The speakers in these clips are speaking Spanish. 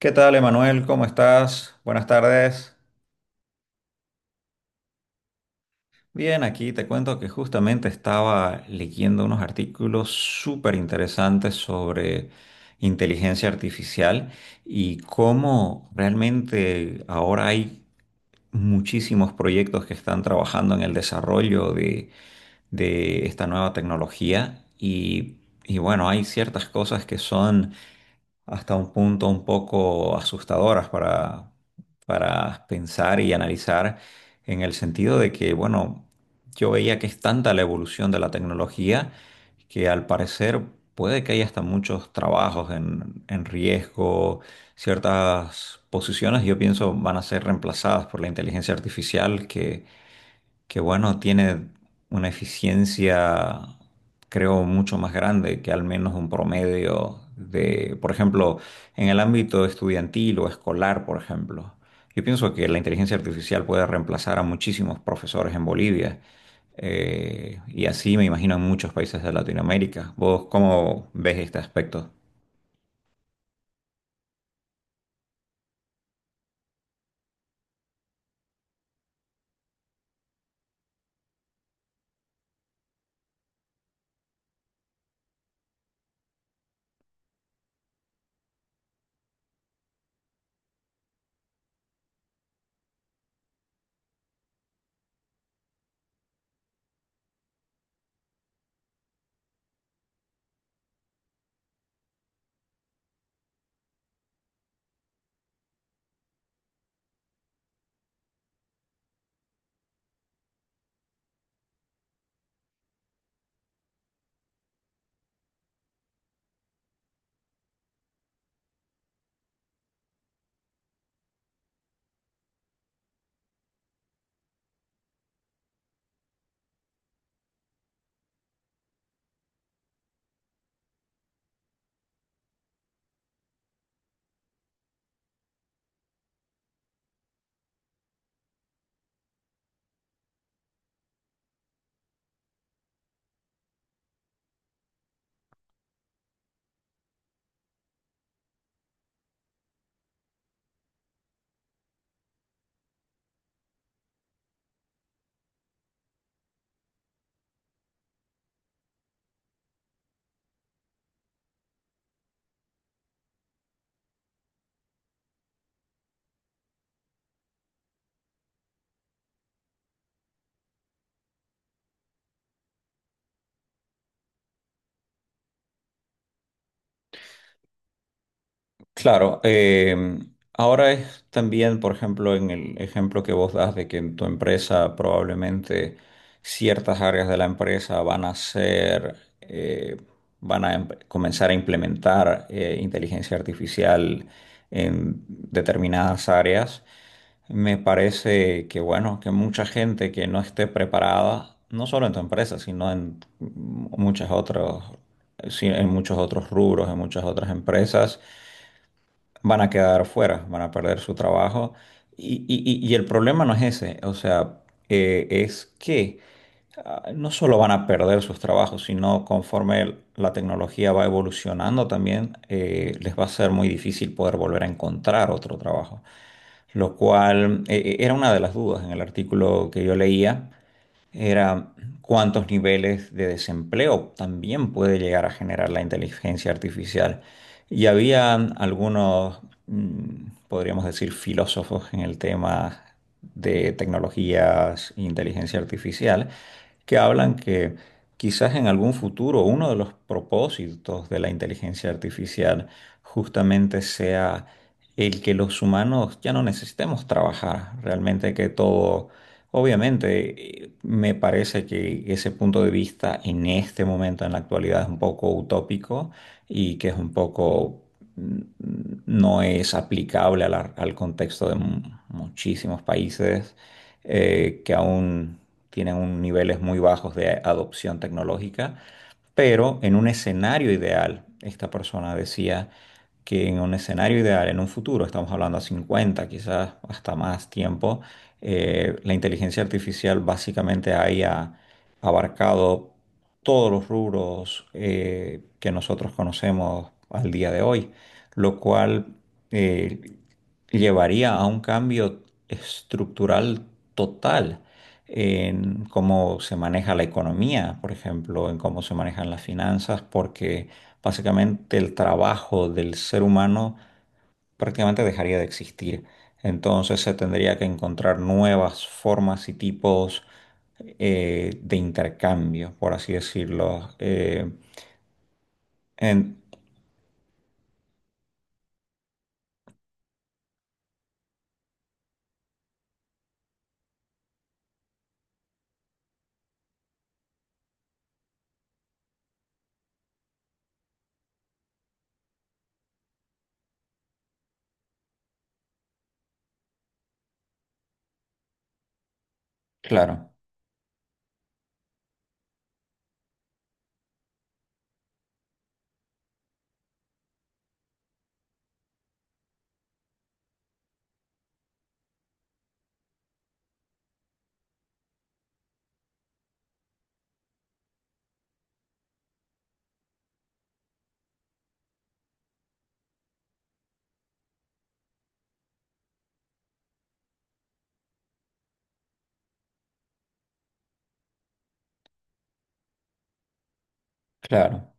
¿Qué tal, Emanuel? ¿Cómo estás? Buenas tardes. Bien, aquí te cuento que justamente estaba leyendo unos artículos súper interesantes sobre inteligencia artificial y cómo realmente ahora hay muchísimos proyectos que están trabajando en el desarrollo de esta nueva tecnología y bueno, hay ciertas cosas que son hasta un punto un poco asustadoras para pensar y analizar en el sentido de que, bueno, yo veía que es tanta la evolución de la tecnología que al parecer puede que haya hasta muchos trabajos en riesgo, ciertas posiciones yo pienso van a ser reemplazadas por la inteligencia artificial que bueno, tiene una eficiencia, creo, mucho más grande que al menos un promedio de, por ejemplo, en el ámbito estudiantil o escolar, por ejemplo. Yo pienso que la inteligencia artificial puede reemplazar a muchísimos profesores en Bolivia, y así me imagino en muchos países de Latinoamérica. ¿Vos cómo ves este aspecto? Claro, ahora es también, por ejemplo, en el ejemplo que vos das de que en tu empresa probablemente ciertas áreas de la empresa van a ser, eh, van a comenzar a implementar inteligencia artificial en determinadas áreas. Me parece que, bueno, que mucha gente que no esté preparada, no solo en tu empresa, sino en muchas otras, sí, en muchos otros rubros, en muchas otras empresas, van a quedar fuera, van a perder su trabajo. Y, y el problema no es ese, o sea, es que no solo van a perder sus trabajos, sino conforme la tecnología va evolucionando también, les va a ser muy difícil poder volver a encontrar otro trabajo, lo cual era una de las dudas en el artículo que yo leía era cuántos niveles de desempleo también puede llegar a generar la inteligencia artificial. Y había algunos, mm, podríamos decir, filósofos en el tema de tecnologías e inteligencia artificial que hablan que quizás en algún futuro uno de los propósitos de la inteligencia artificial justamente sea el que los humanos ya no necesitemos trabajar, realmente que todo. Obviamente, me parece que ese punto de vista en este momento, en la actualidad, es un poco utópico y que es un poco, mm, no es aplicable a al contexto de muchísimos países que aún tienen niveles muy bajos de adopción tecnológica. Pero en un escenario ideal, esta persona decía que en un escenario ideal, en un futuro, estamos hablando a 50, quizás hasta más tiempo, la inteligencia artificial básicamente haya abarcado todos los rubros que nosotros conocemos al día de hoy, lo cual, eh, llevaría a un cambio estructural total en cómo se maneja la economía, por ejemplo, en cómo se manejan las finanzas, porque básicamente el trabajo del ser humano prácticamente dejaría de existir. Entonces se tendría que encontrar nuevas formas y tipos de intercambio, por así decirlo. En- claro, claro.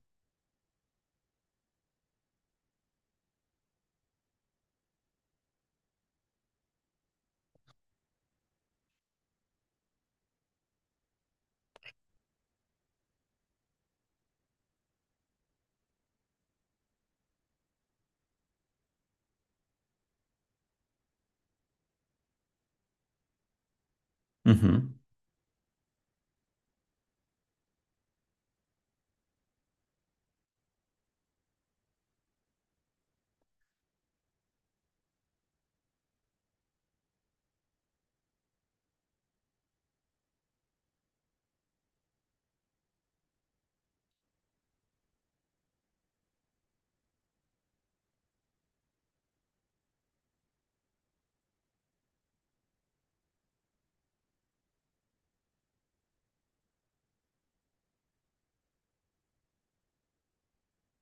Ujú,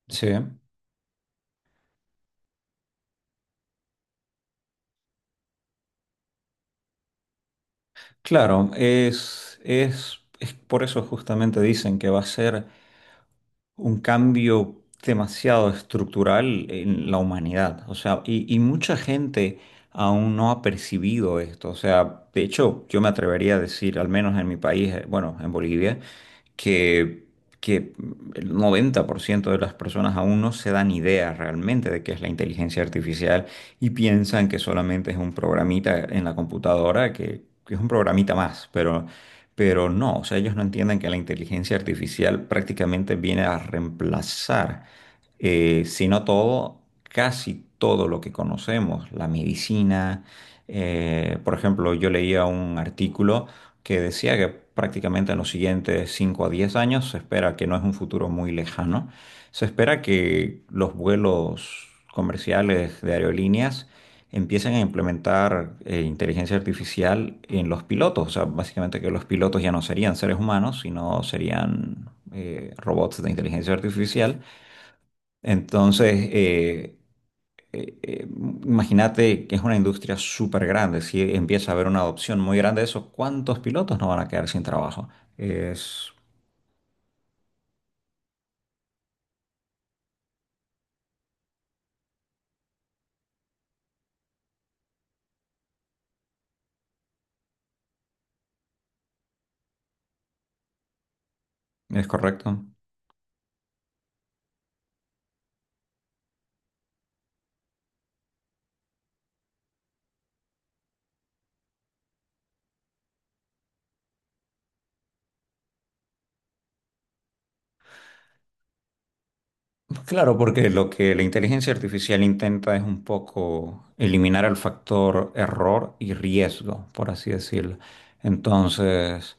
sí, claro. Es por eso justamente dicen que va a ser un cambio demasiado estructural en la humanidad. O sea, y mucha gente aún no ha percibido esto. O sea, de hecho, yo me atrevería a decir, al menos en mi país, bueno, en Bolivia, que, que el 90% de las personas aún no se dan idea realmente de qué es la inteligencia artificial y piensan que solamente es un programita en la computadora, que es un programita más, pero no, o sea, ellos no entienden que la inteligencia artificial prácticamente viene a reemplazar, si no todo, casi todo lo que conocemos, la medicina. Eh, por ejemplo, yo leía un artículo que decía que prácticamente en los siguientes 5 a 10 años, se espera que, no es un futuro muy lejano, se espera que los vuelos comerciales de aerolíneas empiecen a implementar inteligencia artificial en los pilotos. O sea, básicamente que los pilotos ya no serían seres humanos, sino serían robots de inteligencia artificial. Entonces, eh, eh, imagínate que es una industria súper grande. Si empieza a haber una adopción muy grande de eso, ¿cuántos pilotos no van a quedar sin trabajo? Es, es correcto. Claro, porque lo que la inteligencia artificial intenta es un poco eliminar el factor error y riesgo, por así decirlo. Entonces,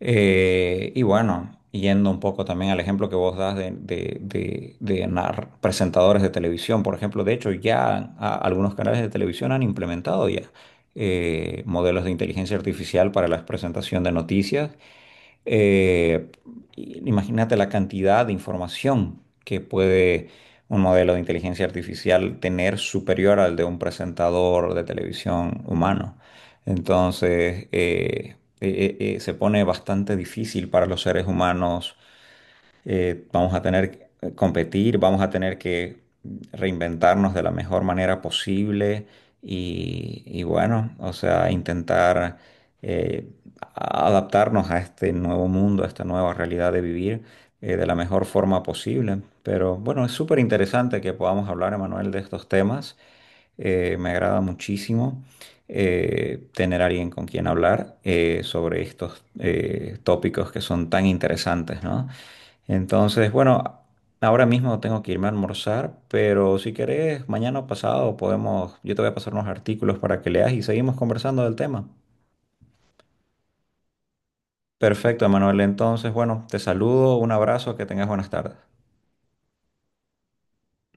y bueno, yendo un poco también al ejemplo que vos das de, presentadores de televisión, por ejemplo, de hecho ya algunos canales de televisión han implementado ya modelos de inteligencia artificial para la presentación de noticias. eh, imagínate la cantidad de información que puede un modelo de inteligencia artificial tener superior al de un presentador de televisión humano. Entonces, se pone bastante difícil para los seres humanos. Vamos a tener que competir, vamos a tener que reinventarnos de la mejor manera posible y bueno, o sea, intentar eh, adaptarnos a este nuevo mundo, a esta nueva realidad de vivir de la mejor forma posible. Pero bueno, es súper interesante que podamos hablar, Emanuel, de estos temas. Me agrada muchísimo tener a alguien con quien hablar sobre estos tópicos que son tan interesantes, ¿no? Entonces, bueno, ahora mismo tengo que irme a almorzar, pero si querés, mañana o pasado podemos, yo te voy a pasar unos artículos para que leas y seguimos conversando del tema. Perfecto, Emanuel. Entonces, bueno, te saludo, un abrazo, que tengas buenas tardes.